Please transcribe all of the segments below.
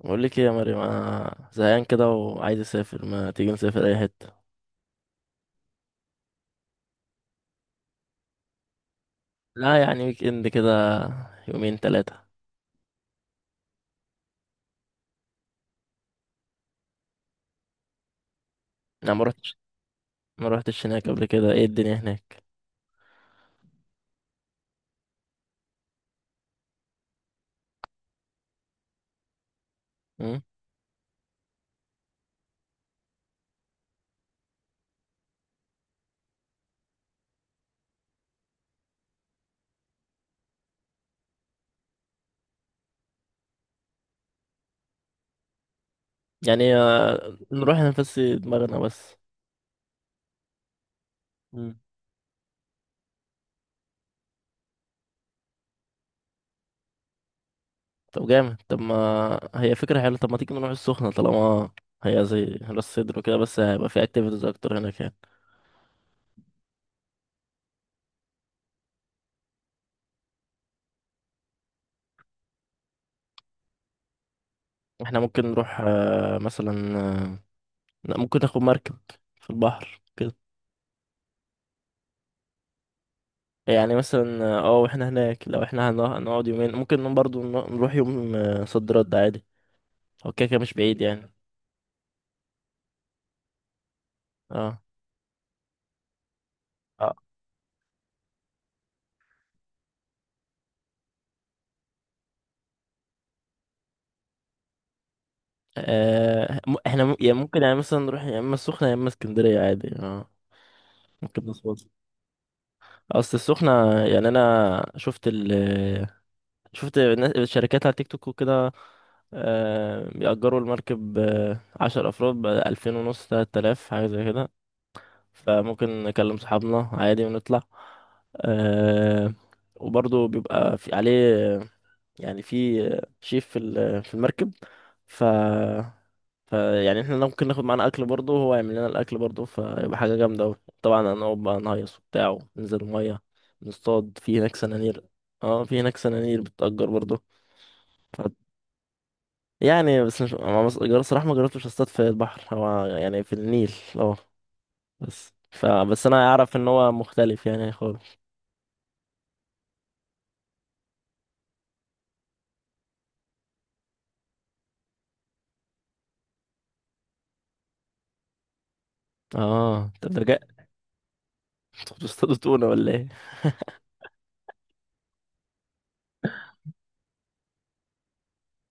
بقول لك ايه يا مريم، انا زهقان كده وعايز اسافر. ما تيجي نسافر اي حته؟ لا، يعني ويك اند كده، يومين ثلاثه. انا ما رحتش، ما رحتش هناك قبل كده. ايه الدنيا هناك؟ مم؟ يعني نروح نفسي دماغنا بس. مم. طب جامد. طب ما هي فكره حلوه. طب ما تيجي نروح السخنه طالما هي زي راس سدر وكده، بس هيبقى في اكتيفيتيز اكتر هناك يعني. احنا ممكن نروح مثلا لا، ممكن ناخد مركب في البحر. يعني مثلا واحنا هناك، لو احنا هنقعد يومين ممكن نقوم برضو نروح يوم صد رد عادي. هو كده كده مش بعيد يعني. اه، اه. احنا يعني ممكن، يعني مثلا نروح يا اما السخنة يا اما اسكندرية عادي، اه. ممكن نظبط. اصل السخنة، يعني انا شفت الشركات على تيك توك وكده. بيأجروا المركب 10 أفراد بـ2500 3 آلاف حاجة زي كده. فممكن نكلم صحابنا عادي ونطلع آه وبرضه بيبقى في عليه، يعني في شيف في المركب. ف ف يعني احنا ممكن ناخد معانا اكل برضه، هو يعمل لنا الاكل برضه، فيبقى حاجه جامده أوي. طبعا هنقعد بقى نهيص وبتاع، وننزل الميه، نصطاد في هناك سنانير. اه، في هناك سنانير بتأجر برضه. ف... يعني بس، مش أنا صراحه ما جربتش اصطاد في البحر. هو يعني في النيل، اه. بس انا اعرف ان هو مختلف يعني خالص. اه، طب ده جاء. انتوا بتصطادوا تونة ولا ايه؟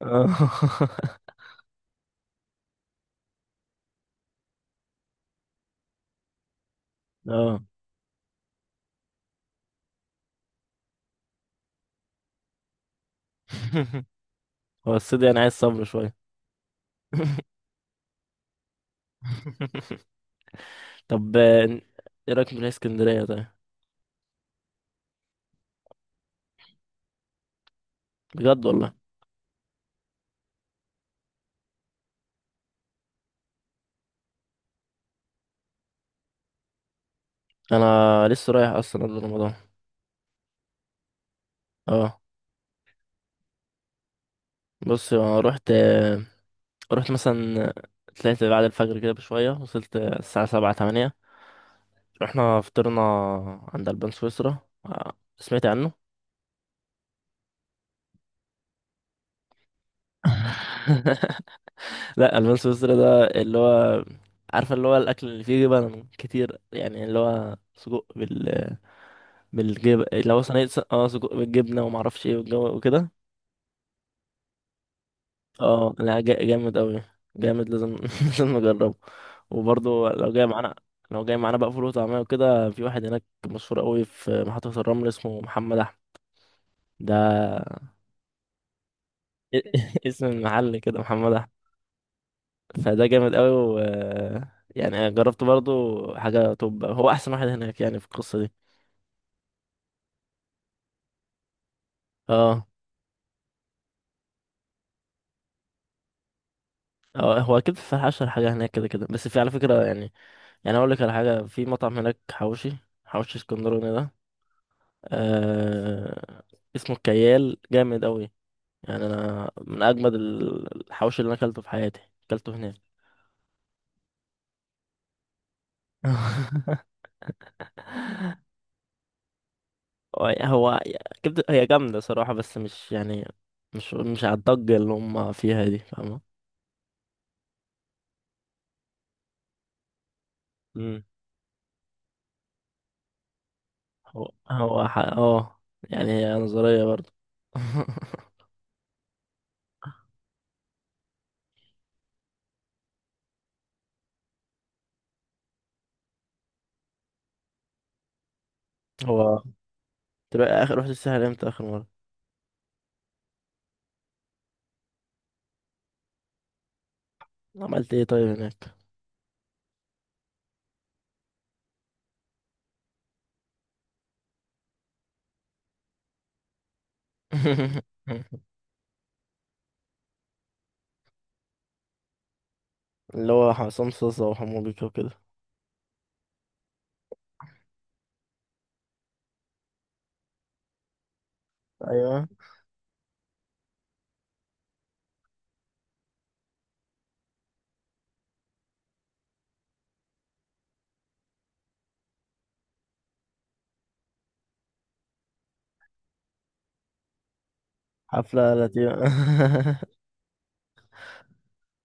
اه. اه. هو الصيد يعني عايز صبر شوية. طب، ايه رأيك نروح اسكندرية طيب؟ بجد والله. انا لسه رايح اصلا قبل رمضان، اه. بص، انا رحت مثلا. طلعت بعد الفجر كده بشوية، وصلت الساعة سبعة تمانية. رحنا فطرنا عند البان سويسرا. سمعت عنه؟ لا، البان سويسرا ده اللي هو، عارفه، اللي هو الاكل اللي فيه جبن كتير، يعني اللي هو سجق بالجبن، اللي هو صينيه سجق بالجبنه وما اعرفش ايه، والجو وكده. اه، لا جامد قوي. جامد لازم، لازم نجربه. وبرضه لو جاي معانا بقى فول وطعميه وكده، في واحد هناك مشهور قوي في محطه الرمل اسمه محمد احمد، ده. اسم المحل كده محمد أحمد. فده جامد قوي، و يعني انا جربت برضو حاجه. طب هو احسن واحد هناك يعني، في القصه دي. اه، اه، هو اكيد في اشهر حاجه هناك كده كده، بس في على فكره يعني. يعني اقول لك على حاجه، في مطعم هناك حواوشي. حواوشي اسكندراني ده، آه اسمه الكيال، جامد قوي. يعني انا من اجمد الحواوشي اللي انا اكلته في حياتي. اكلته هناك. هو كبده، هي جامده صراحه، بس مش يعني، مش على الضجه اللي هم فيها دي، فاهمه. هو ح... اه يعني هي نظرية برضه. هو، تبقى اخر رحت الساحل امتى، اخر مرة؟ عملت ايه طيب هناك؟ اللي هو حسام صوصة وحمو بيكا وكده. ايوه، حفلة لطيفة.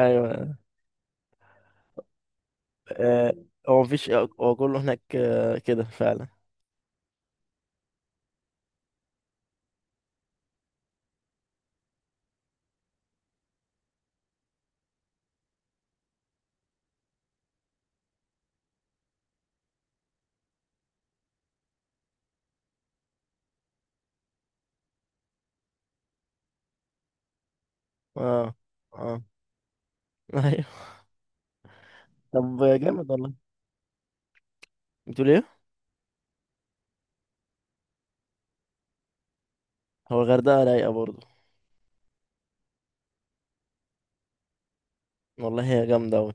ايوه. آه، هو مفيش، هو كله هناك كده فعلا. اه، اه. ايوه. طب جامد والله. بتقول ايه؟ هو الغردقة رايقة برضه. والله هي جامدة أوي.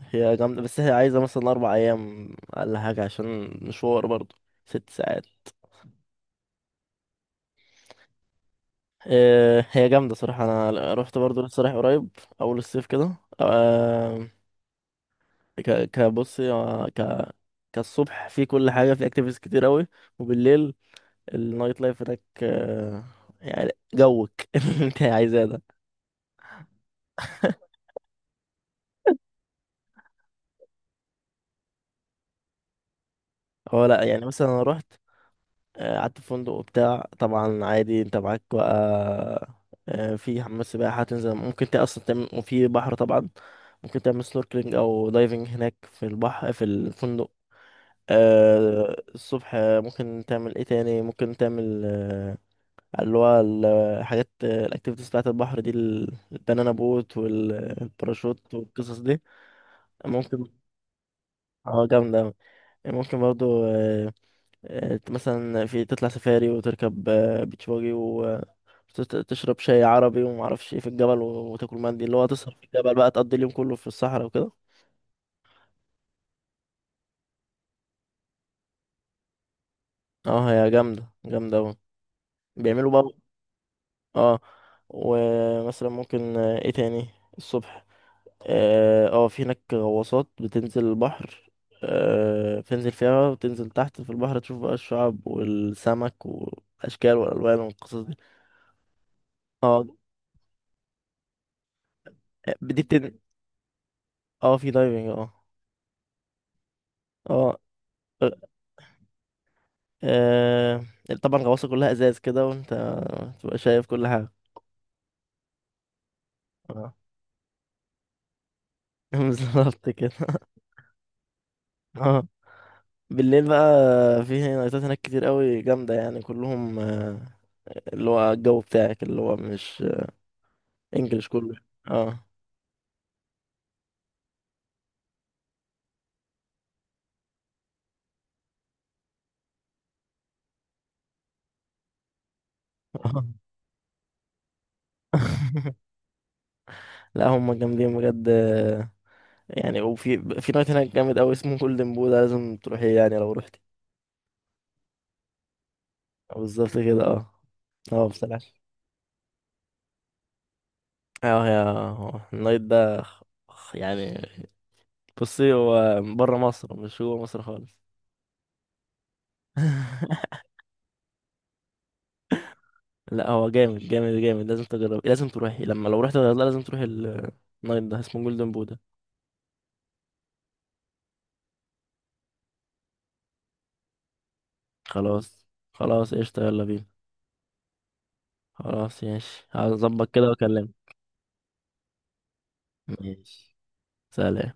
هي جامدة، بس هي عايزة مثلا 4 أيام أقل حاجة، عشان مشوار برضو 6 ساعات. هي جامدة صراحة. أنا رحت برضو لسه رايح قريب، أول الصيف كده، كبصي كالصبح في كل حاجة، في اكتيفيتيز كتير أوي. وبالليل، النايت لايف هناك يعني جوك، اللي انت عايزاه ده. هو لا، يعني مثلا انا رحت، قعدت في فندق وبتاع طبعا عادي. انت معاك بقى في حمام سباحة هتنزل، ممكن انت اصلا تعمل، وفي بحر طبعا ممكن تعمل سنوركلينج او دايفنج هناك في البحر في الفندق. الصبح ممكن تعمل ايه تاني، ممكن تعمل اللي هو الحاجات الاكتيفيتيز بتاعت البحر دي، البنانا بوت والباراشوت والقصص دي ممكن. اه، جامدة أوي. ممكن برضو مثلا في تطلع سفاري، وتركب بيتش باجي، وتشرب شاي عربي ومعرفش ايه في الجبل، و- وتاكل مندي، اللي هو تسهر في الجبل بقى، تقضي اليوم كله في الصحراء وكده. اه، هي جامدة جامدة اوي. بيعملوا بقى، اه. ومثلا ممكن ايه تاني الصبح، في هناك غواصات بتنزل البحر. بتنزل فيها، وتنزل تحت في البحر تشوف بقى الشعاب والسمك والأشكال والألوان والقصص دي. اه. دي بتن اه في دايفنج، اه. اه. آه... طبعا الغواصة كلها ازاز كده، وانت تبقى شايف كل حاجة. اه. بالظبط كده، اه. بالليل بقى، في نايتات هناك كتير قوي جامدة، يعني كلهم اللي هو الجو بتاعك، اللي هو مش انجلش كله. اه، آه. لا هم جامدين بجد، يعني وفي نايت هناك جامد قوي اسمه جولدن بو، ده لازم تروحيه يعني لو رحتي. بالظبط كده، اه. اه، بصراحة. اه يا، هو النايت ده، يعني بصي، هو بره مصر، مش هو مصر خالص. لا هو جامد جامد جامد، لازم تجربي. لازم تروحي لما، لو رحت الغردقة لازم تروحي النايت ده اسمه جولدن بودا. خلاص. خلاص، قشطة، يلا بينا. خلاص، ماشي، هظبط كده واكلمك. ماشي، سلام.